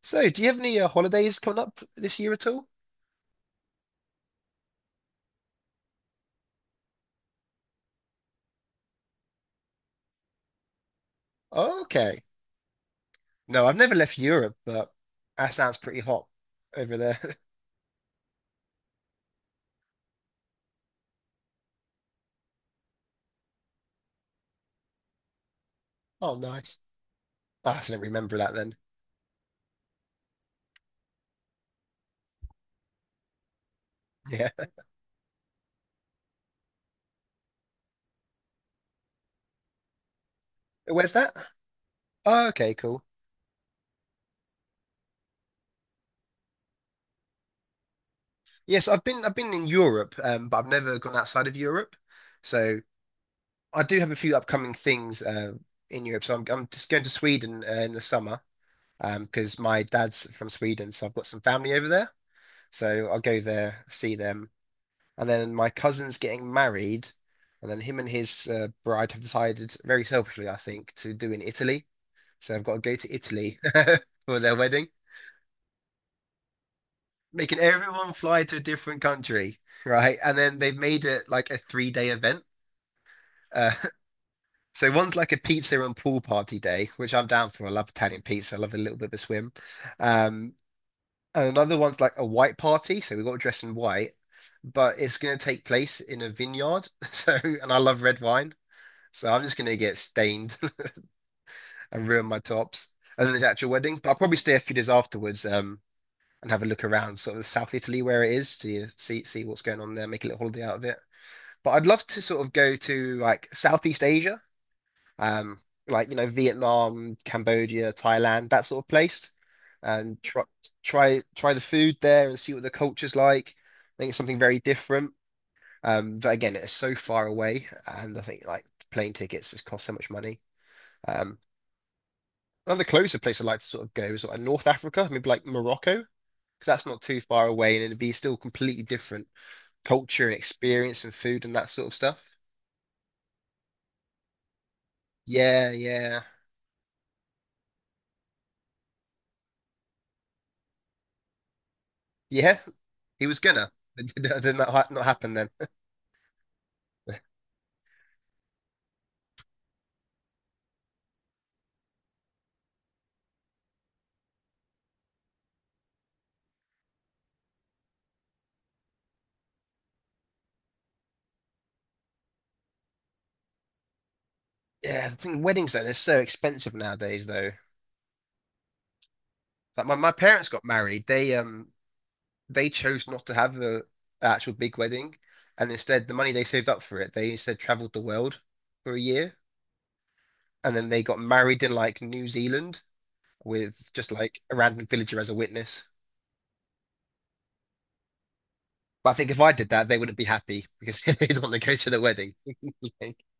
So, do you have any holidays coming up this year at all? Okay. No, I've never left Europe, but that sounds pretty hot over there. Oh, nice. Ah, so I didn't remember that then. Yeah. Where's that? Oh, okay, cool. Yes, I've been in Europe, but I've never gone outside of Europe. So I do have a few upcoming things in Europe. So I'm just going to Sweden in the summer because my dad's from Sweden, so I've got some family over there. So I'll go there, see them, and then my cousin's getting married, and then him and his bride have decided, very selfishly, I think, to do in Italy. So I've got to go to Italy for their wedding, making everyone fly to a different country, right? And then they've made it like a three-day event. Uh, so one's like a pizza and pool party day, which I'm down for. I love Italian pizza. I love a little bit of a swim. Um, and another one's like a white party, so we've got to dress in white, but it's going to take place in a vineyard. So, and I love red wine. So I'm just gonna get stained and ruin my tops. And then the actual wedding. But I'll probably stay a few days afterwards, and have a look around sort of South Italy where it is to see what's going on there, make a little holiday out of it. But I'd love to sort of go to like Southeast Asia, um, like Vietnam, Cambodia, Thailand, that sort of place. And try the food there and see what the culture's like. I think it's something very different. But again, it's so far away, and I think like plane tickets just cost so much money. Um, Another closer place I'd like to sort of go is sort of like North Africa, maybe like Morocco, because that's not too far away and it'd be still completely different culture and experience and food and that sort of stuff. Yeah, yeah, yeah. He was gonna. It did not, not happen then. Yeah, the thing weddings though, they're so expensive nowadays though. Like my parents got married. They chose not to have a actual big wedding, and instead the money they saved up for it, they instead traveled the world for a year and then they got married in like New Zealand with just like a random villager as a witness. But I think if I did that, they wouldn't be happy because they'd want to go to the wedding.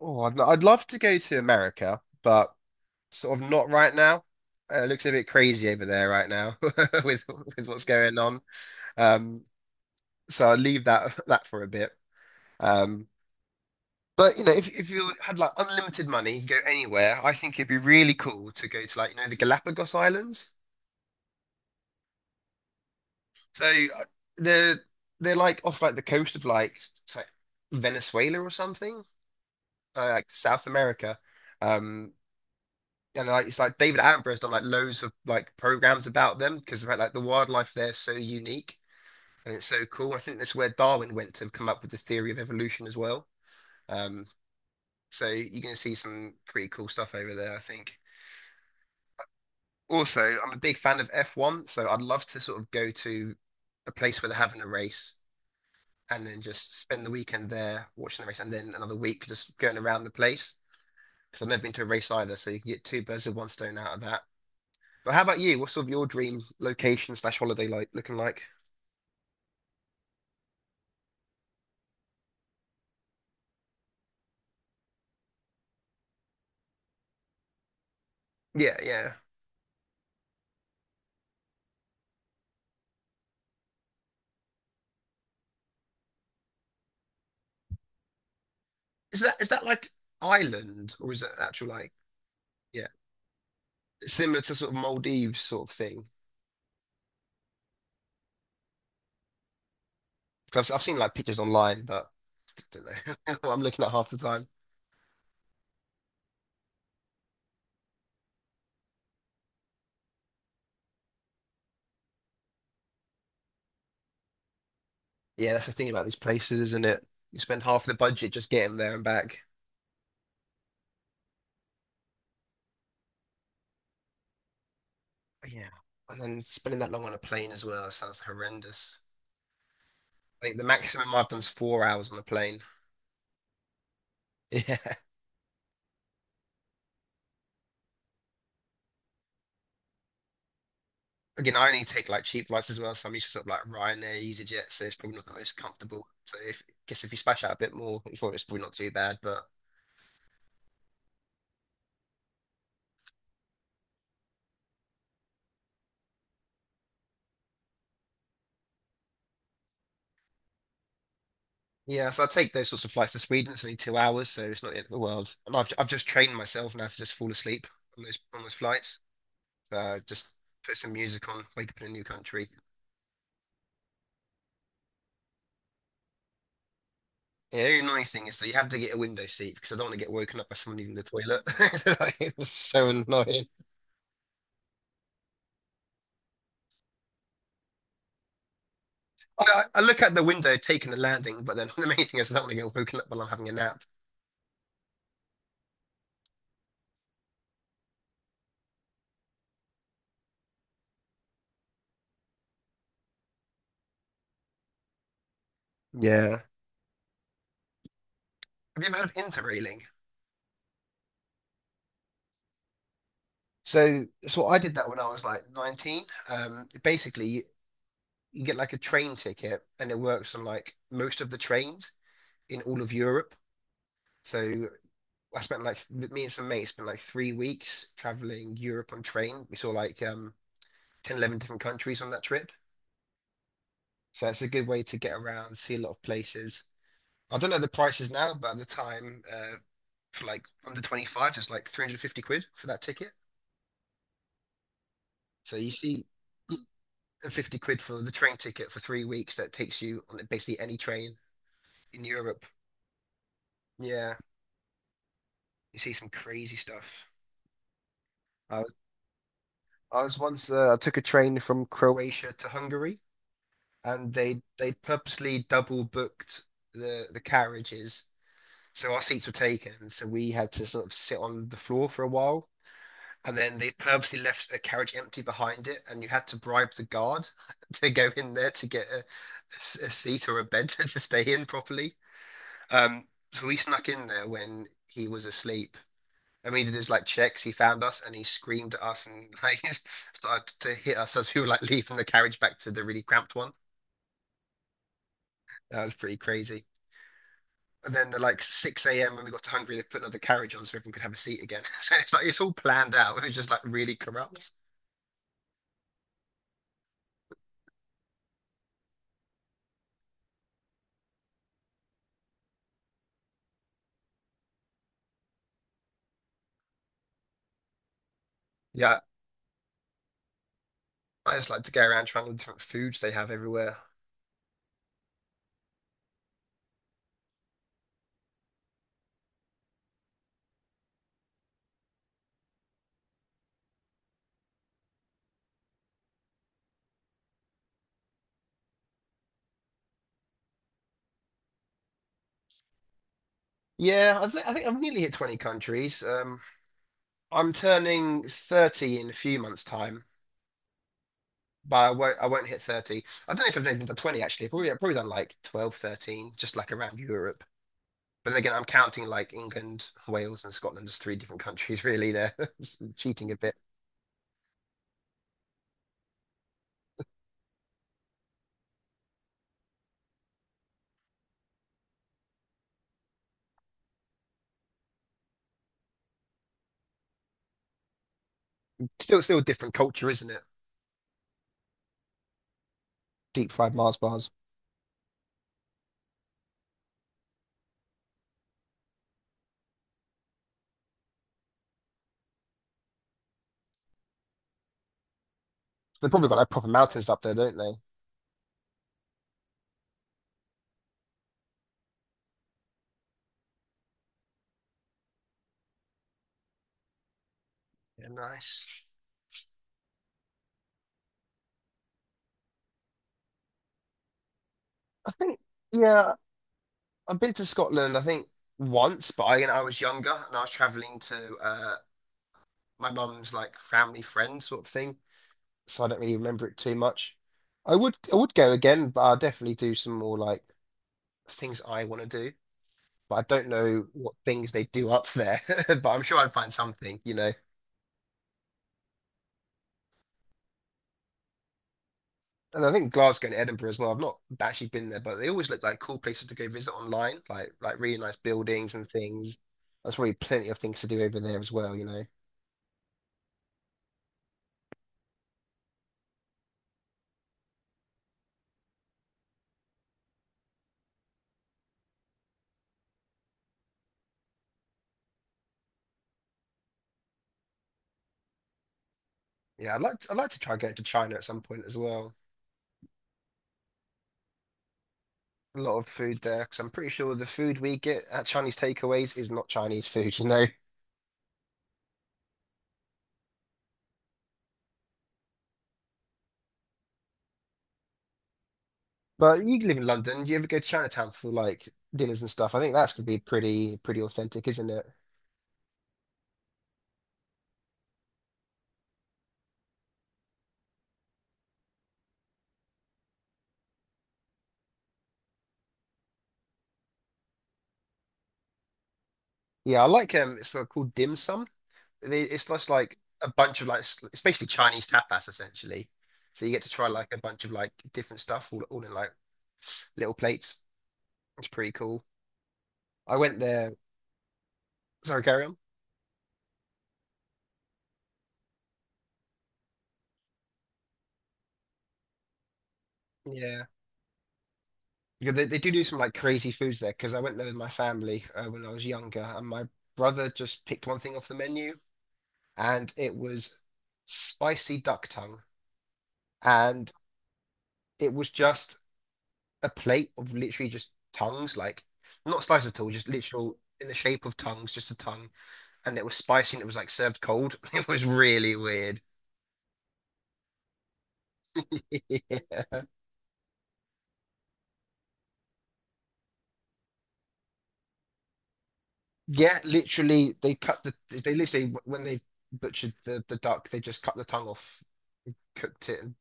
Oh, I'd love to go to America, but sort of not right now. It looks a bit crazy over there right now with with what's going on. Um, so I'll leave that that for a bit. Um, but if you had like unlimited money, you go anywhere. I think it'd be really cool to go to like the Galapagos Islands. So they're they're like off like the coast of like it's like Venezuela or something, like South America. Um, and like it's like David Attenborough's done like loads of like programs about them because about like the wildlife there is so unique and it's so cool. I think that's where Darwin went to come up with the theory of evolution as well. Um, so you're gonna see some pretty cool stuff over there, I think. Also, I'm a big fan of F1, so I'd love to sort of go to a place where they're having a race and then just spend the weekend there watching the race, and then another week just going around the place because I've never been to a race either. So you can get two birds with one stone out of that. But how about you? What's sort of your dream location slash holiday like looking like? Yeah, yeah. Is that like island or is it actual like yeah similar to sort of Maldives sort of thing? Because I've seen like pictures online, but I don't know what I'm looking at half the time. Yeah, that's the thing about these places, isn't it? You spend half the budget just getting there and back. Yeah. And then spending that long on a plane as well sounds horrendous. I think the maximum I've done is 4 hours on a plane. Yeah. Again, I only take like cheap flights as well, so I'm used to sort of like Ryanair, EasyJet, so it's probably not the most comfortable. So if I guess if you splash out a bit more, it's probably not too bad. But yeah, so I take those sorts of flights to Sweden. It's only 2 hours, so it's not the end of the world. And I've just trained myself now to just fall asleep on those flights. So just put some music on, wake up in a new country. Yeah, the only annoying thing is that you have to get a window seat because I don't want to get woken up by someone leaving the toilet. It's so annoying. I look out the window taking the landing, but then the main thing is I don't want to get woken up while I'm having a nap. Yeah. Have you ever heard of interrailing? So I did that when I was like 19. Basically, you get like a train ticket and it works on like most of the trains in all of Europe. So I spent like, th- me and some mates spent like 3 weeks traveling Europe on train. We saw like 10, 11 different countries on that trip. So it's a good way to get around, see a lot of places. I don't know the prices now, but at the time, for like under 25, it's like 350 quid for that ticket. So you see 50 quid for the train ticket for 3 weeks that takes you on basically any train in Europe. Yeah, you see some crazy stuff. I was, I was once I took a train from Croatia to Hungary, and they purposely double booked the carriages, so our seats were taken. So we had to sort of sit on the floor for a while, and then they purposely left a carriage empty behind it, and you had to bribe the guard to go in there to get a seat or a bed to stay in properly. Um, so we snuck in there when he was asleep. I mean, he did his like checks. He found us and he screamed at us and like started to hit us as we were like leaving the carriage back to the really cramped one. That was pretty crazy. And then at like 6 a.m. when we got to Hungary, they put another carriage on so everyone could have a seat again. So it's like it's all planned out. It was just like really corrupt. Yeah, I just like to go around trying the different foods they have everywhere. Yeah, I think I've nearly hit 20 countries. I'm turning 30 in a few months' time, but I won't hit 30. I don't know if I've even done 20, actually. Probably, I've probably done like 12, 13, just like around Europe. But then again, I'm counting like England, Wales, and Scotland as three different countries, really. They're cheating a bit. Still a different culture, isn't it? Deep fried Mars bars. They've probably got like proper mountains up there, don't they? Yeah, nice. I think, yeah, I've been to Scotland, I think once, but I was younger and I was traveling to my mum's like family friend sort of thing, so I don't really remember it too much. I would go again, but I'll definitely do some more like things I want to do, but I don't know what things they do up there, but I'm sure I'd find something. And I think Glasgow and Edinburgh as well. I've not actually been there, but they always look like cool places to go visit online, like really nice buildings and things. There's probably plenty of things to do over there as well. Yeah, I'd like to try and get to China at some point as well. A lot of food there, because I'm pretty sure the food we get at Chinese takeaways is not Chinese food. But you live in London, do you ever go to Chinatown for like dinners and stuff? I think that's gonna be pretty authentic, isn't it? Yeah, I like it's called dim sum. It's just like a bunch of like it's basically Chinese tapas essentially. So you get to try like a bunch of like different stuff all in like little plates. It's pretty cool. I went there. Sorry, carry on. Yeah. Yeah, they do do some like crazy foods there because I went there with my family when I was younger, and my brother just picked one thing off the menu, and it was spicy duck tongue, and it was just a plate of literally just tongues, like not sliced at all, just literal in the shape of tongues, just a tongue, and it was spicy and it was like served cold. It was really weird. Yeah, yeah, literally, they literally when they butchered the duck, they just cut the tongue off, cooked it, and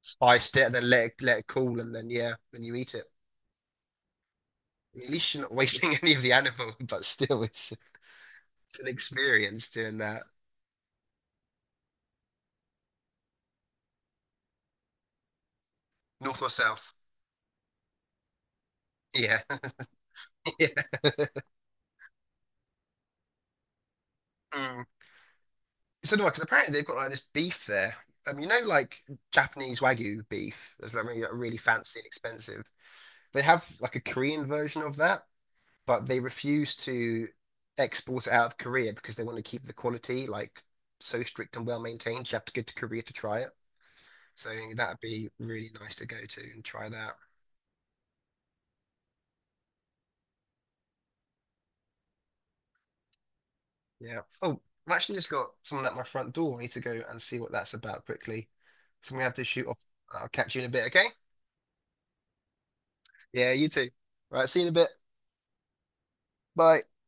spiced it and then let it cool and then yeah, then you eat it. At least you're not wasting any of the animal, but still, it's an experience doing that. North or south? Yeah, yeah. Mm. It's another one because apparently they've got like this beef there. Like Japanese Wagyu beef that's really, like, really fancy and expensive. They have like a Korean version of that, but they refuse to export it out of Korea because they want to keep the quality like so strict and well maintained. You have to go to Korea to try it. So I think that'd be really nice to go to and try that. Yeah. Oh, I've actually just got someone at my front door. I need to go and see what that's about quickly. So I'm gonna have to shoot off. I'll catch you in a bit, okay? Yeah, you too. Right, see you in a bit. Bye.